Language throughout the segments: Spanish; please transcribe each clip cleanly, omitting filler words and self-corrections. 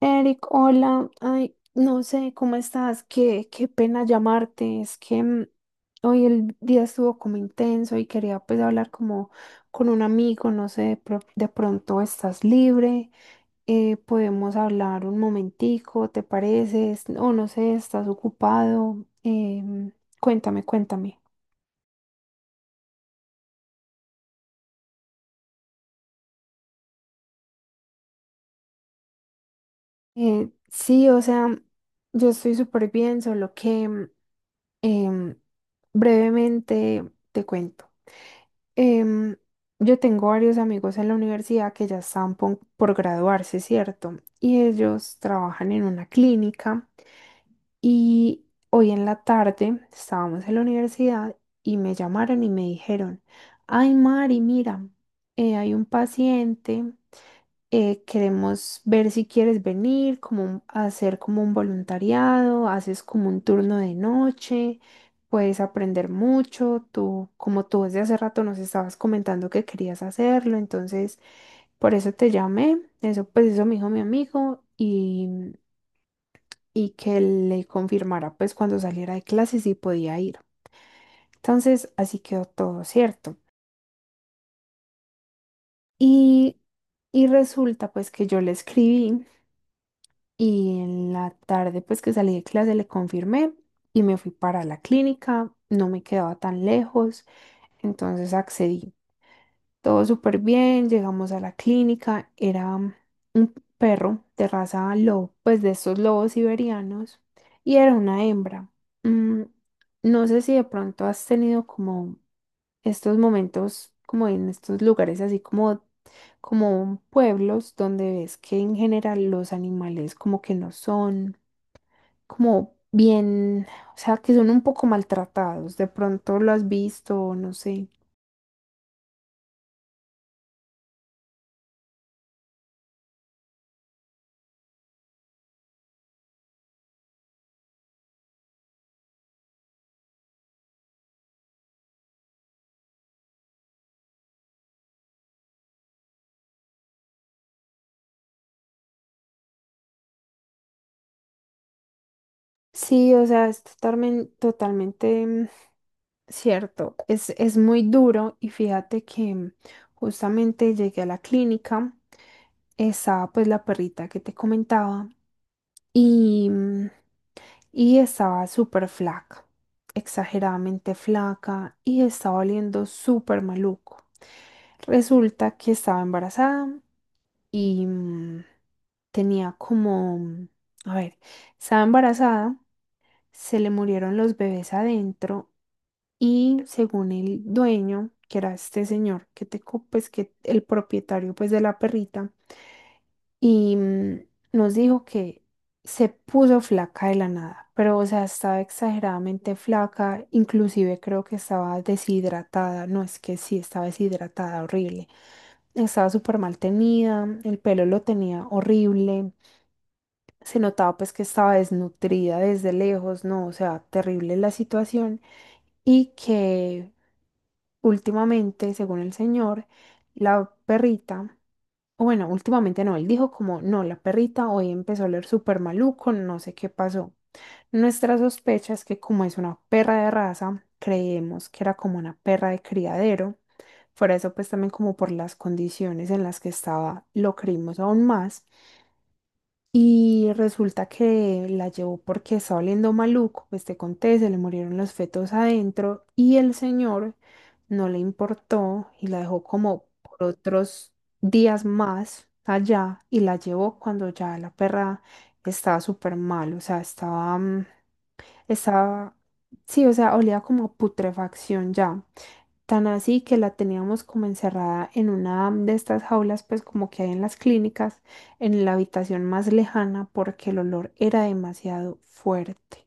Eric, hola. Ay, no sé cómo estás. Qué pena llamarte. Es que hoy el día estuvo como intenso y quería pues hablar como con un amigo. No sé, de, de pronto estás libre. ¿Podemos hablar un momentico, te parece? O no sé, estás ocupado. Cuéntame, cuéntame. Sí, o sea, yo estoy súper bien, solo que em, brevemente te cuento. Em, yo tengo varios amigos en la universidad que ya están por, graduarse, ¿cierto? Y ellos trabajan en una clínica y hoy en la tarde estábamos en la universidad y me llamaron y me dijeron, ay Mari, mira, hay un paciente queremos ver si quieres venir, como hacer como un voluntariado, haces como un turno de noche, puedes aprender mucho, tú, como tú desde hace rato nos estabas comentando que querías hacerlo, entonces por eso te llamé, eso pues eso me dijo mi amigo y que le confirmara pues cuando saliera de clase si podía ir. Entonces así quedó todo, ¿cierto? Y, y resulta pues que yo le escribí. Y en la tarde, pues que salí de clase, le confirmé y me fui para la clínica. No me quedaba tan lejos, entonces accedí. Todo súper bien, llegamos a la clínica. Era un perro de raza lobo, pues de estos lobos siberianos, y era una hembra. Mm, no sé si de pronto has tenido como estos momentos, como en estos lugares, así como como pueblos donde ves que en general los animales como que no son como bien, o sea, que son un poco maltratados. De pronto lo has visto, no sé. Sí, o sea, es totalmente, totalmente cierto. Es muy duro y fíjate que justamente llegué a la clínica, estaba pues la perrita que te comentaba y, y estaba súper flaca, exageradamente flaca y estaba oliendo súper maluco. Resulta que estaba embarazada y tenía como, a ver, estaba embarazada, se le murieron los bebés adentro y según el dueño, que era este señor, que te, pues que el propietario pues de la perrita, y nos dijo que se puso flaca de la nada, pero o sea, estaba exageradamente flaca, inclusive creo que estaba deshidratada, no es que sí, estaba deshidratada, horrible, estaba súper mal tenida, el pelo lo tenía horrible, se notaba pues que estaba desnutrida desde lejos, ¿no? O sea, terrible la situación y que últimamente, según el señor, la perrita, o bueno, últimamente no, él dijo como, no, la perrita hoy empezó a oler súper maluco, no sé qué pasó. Nuestra sospecha es que como es una perra de raza, creemos que era como una perra de criadero. Por eso pues también como por las condiciones en las que estaba, lo creímos aún más. Y resulta que la llevó porque estaba oliendo maluco, pues te conté, se le murieron los fetos adentro y el señor no le importó y la dejó como por otros días más allá y la llevó cuando ya la perra estaba súper mal, o sea, estaba, estaba, sí, o sea, olía como a putrefacción ya. Tan así que la teníamos como encerrada en una de estas jaulas, pues como que hay en las clínicas, en la habitación más lejana, porque el olor era demasiado fuerte.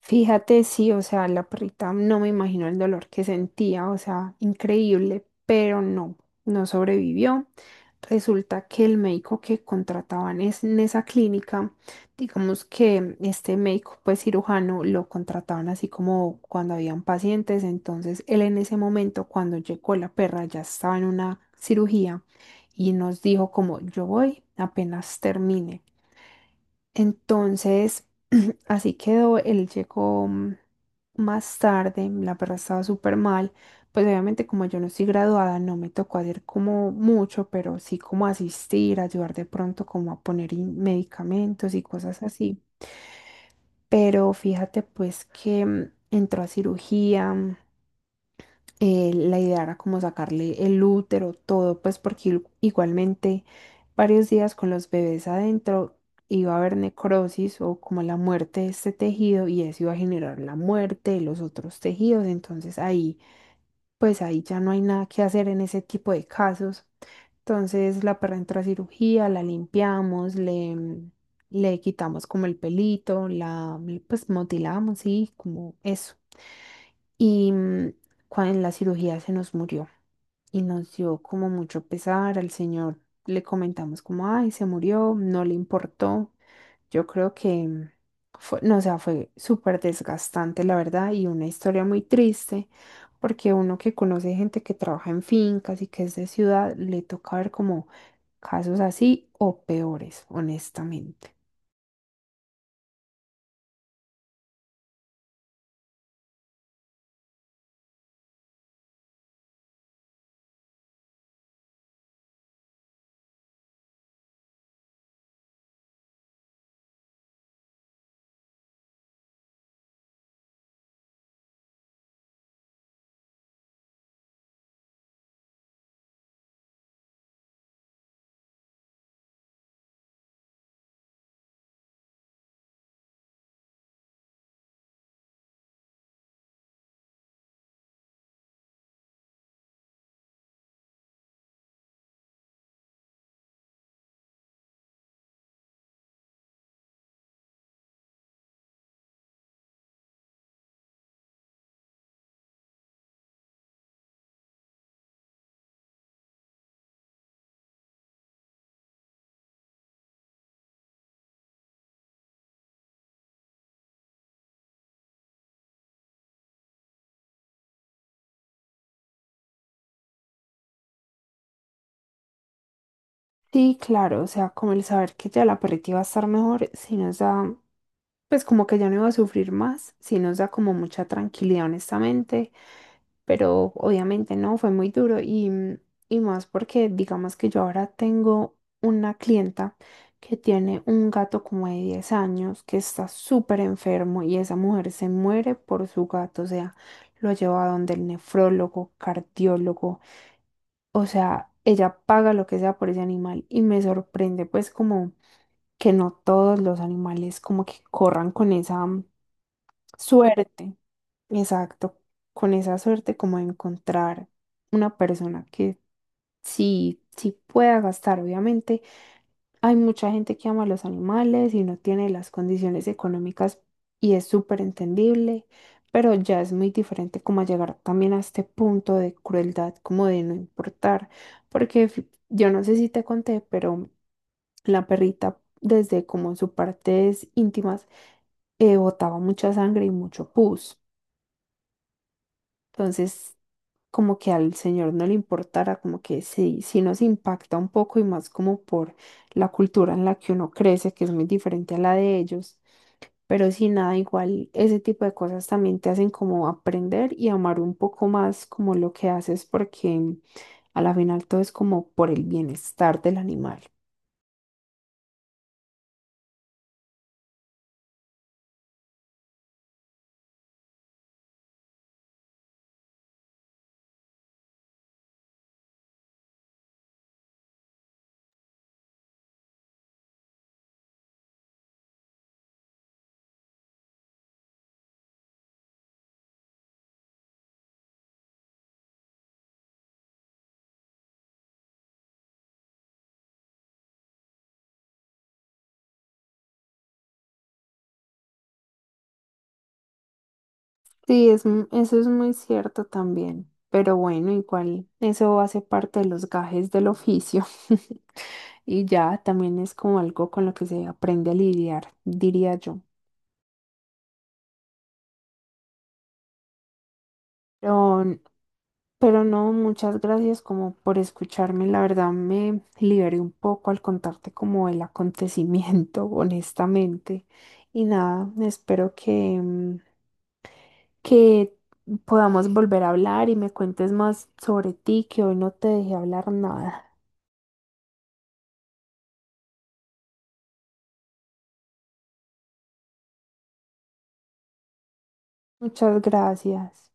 Fíjate, sí, o sea, la perrita no me imagino el dolor que sentía, o sea, increíble, pero no, no sobrevivió. Resulta que el médico que contrataban es, en esa clínica, digamos que este médico, pues cirujano, lo contrataban así como cuando habían pacientes, entonces él en ese momento, cuando llegó la perra, ya estaba en una cirugía y nos dijo como, yo voy apenas termine. Entonces, así quedó, él llegó más tarde, la perra estaba súper mal, pues obviamente como yo no estoy graduada, no me tocó hacer como mucho, pero sí como asistir, ayudar de pronto como a poner medicamentos y cosas así. Pero fíjate pues que entró a cirugía, la idea era como sacarle el útero, todo, pues porque igualmente varios días con los bebés adentro iba a haber necrosis o como la muerte de este tejido y eso iba a generar la muerte de los otros tejidos. Entonces ahí, pues ahí ya no hay nada que hacer en ese tipo de casos. Entonces la perra entra a cirugía, la limpiamos, le, le quitamos como el pelito, la pues motilamos, sí, como eso. Y en la cirugía se nos murió y nos dio como mucho pesar al señor. Le comentamos como, ay, se murió, no le importó. Yo creo que fue, no, o sea, fue súper desgastante, la verdad, y una historia muy triste, porque uno que conoce gente que trabaja en fincas y que es de ciudad, le toca ver como casos así o peores, honestamente. Sí, claro, o sea, como el saber que ya la perrita iba a estar mejor, sí nos da pues como que ya no iba a sufrir más, sí nos da como mucha tranquilidad, honestamente, pero obviamente no, fue muy duro y, y más porque digamos que yo ahora tengo una clienta que tiene un gato como de 10 años que está súper enfermo y esa mujer se muere por su gato, o sea, lo lleva a donde el nefrólogo, cardiólogo, o sea, ella paga lo que sea por ese animal y me sorprende pues como que no todos los animales como que corran con esa Suerte, exacto. Con esa suerte como de encontrar una persona que sí, sí pueda gastar. Obviamente hay mucha gente que ama a los animales y no tiene las condiciones económicas y es súper entendible, pero ya es muy diferente como llegar también a este punto de crueldad, como de no importar, porque yo no sé si te conté, pero la perrita desde como sus partes íntimas botaba mucha sangre y mucho pus. Entonces como que al señor no le importara, como que sí, sí nos impacta un poco y más como por la cultura en la que uno crece, que es muy diferente a la de ellos. Pero sin nada, igual ese tipo de cosas también te hacen como aprender y amar un poco más como lo que haces porque a la final todo es como por el bienestar del animal. Sí, es, eso es muy cierto también, pero bueno, igual eso hace parte de los gajes del oficio y ya también es como algo con lo que se aprende a lidiar, diría yo. Pero, pero no, muchas gracias como por escucharme, la verdad me liberé un poco al contarte como el acontecimiento, honestamente, y nada, espero que... que podamos volver a hablar y me cuentes más sobre ti, que hoy no te dejé hablar nada. Muchas gracias.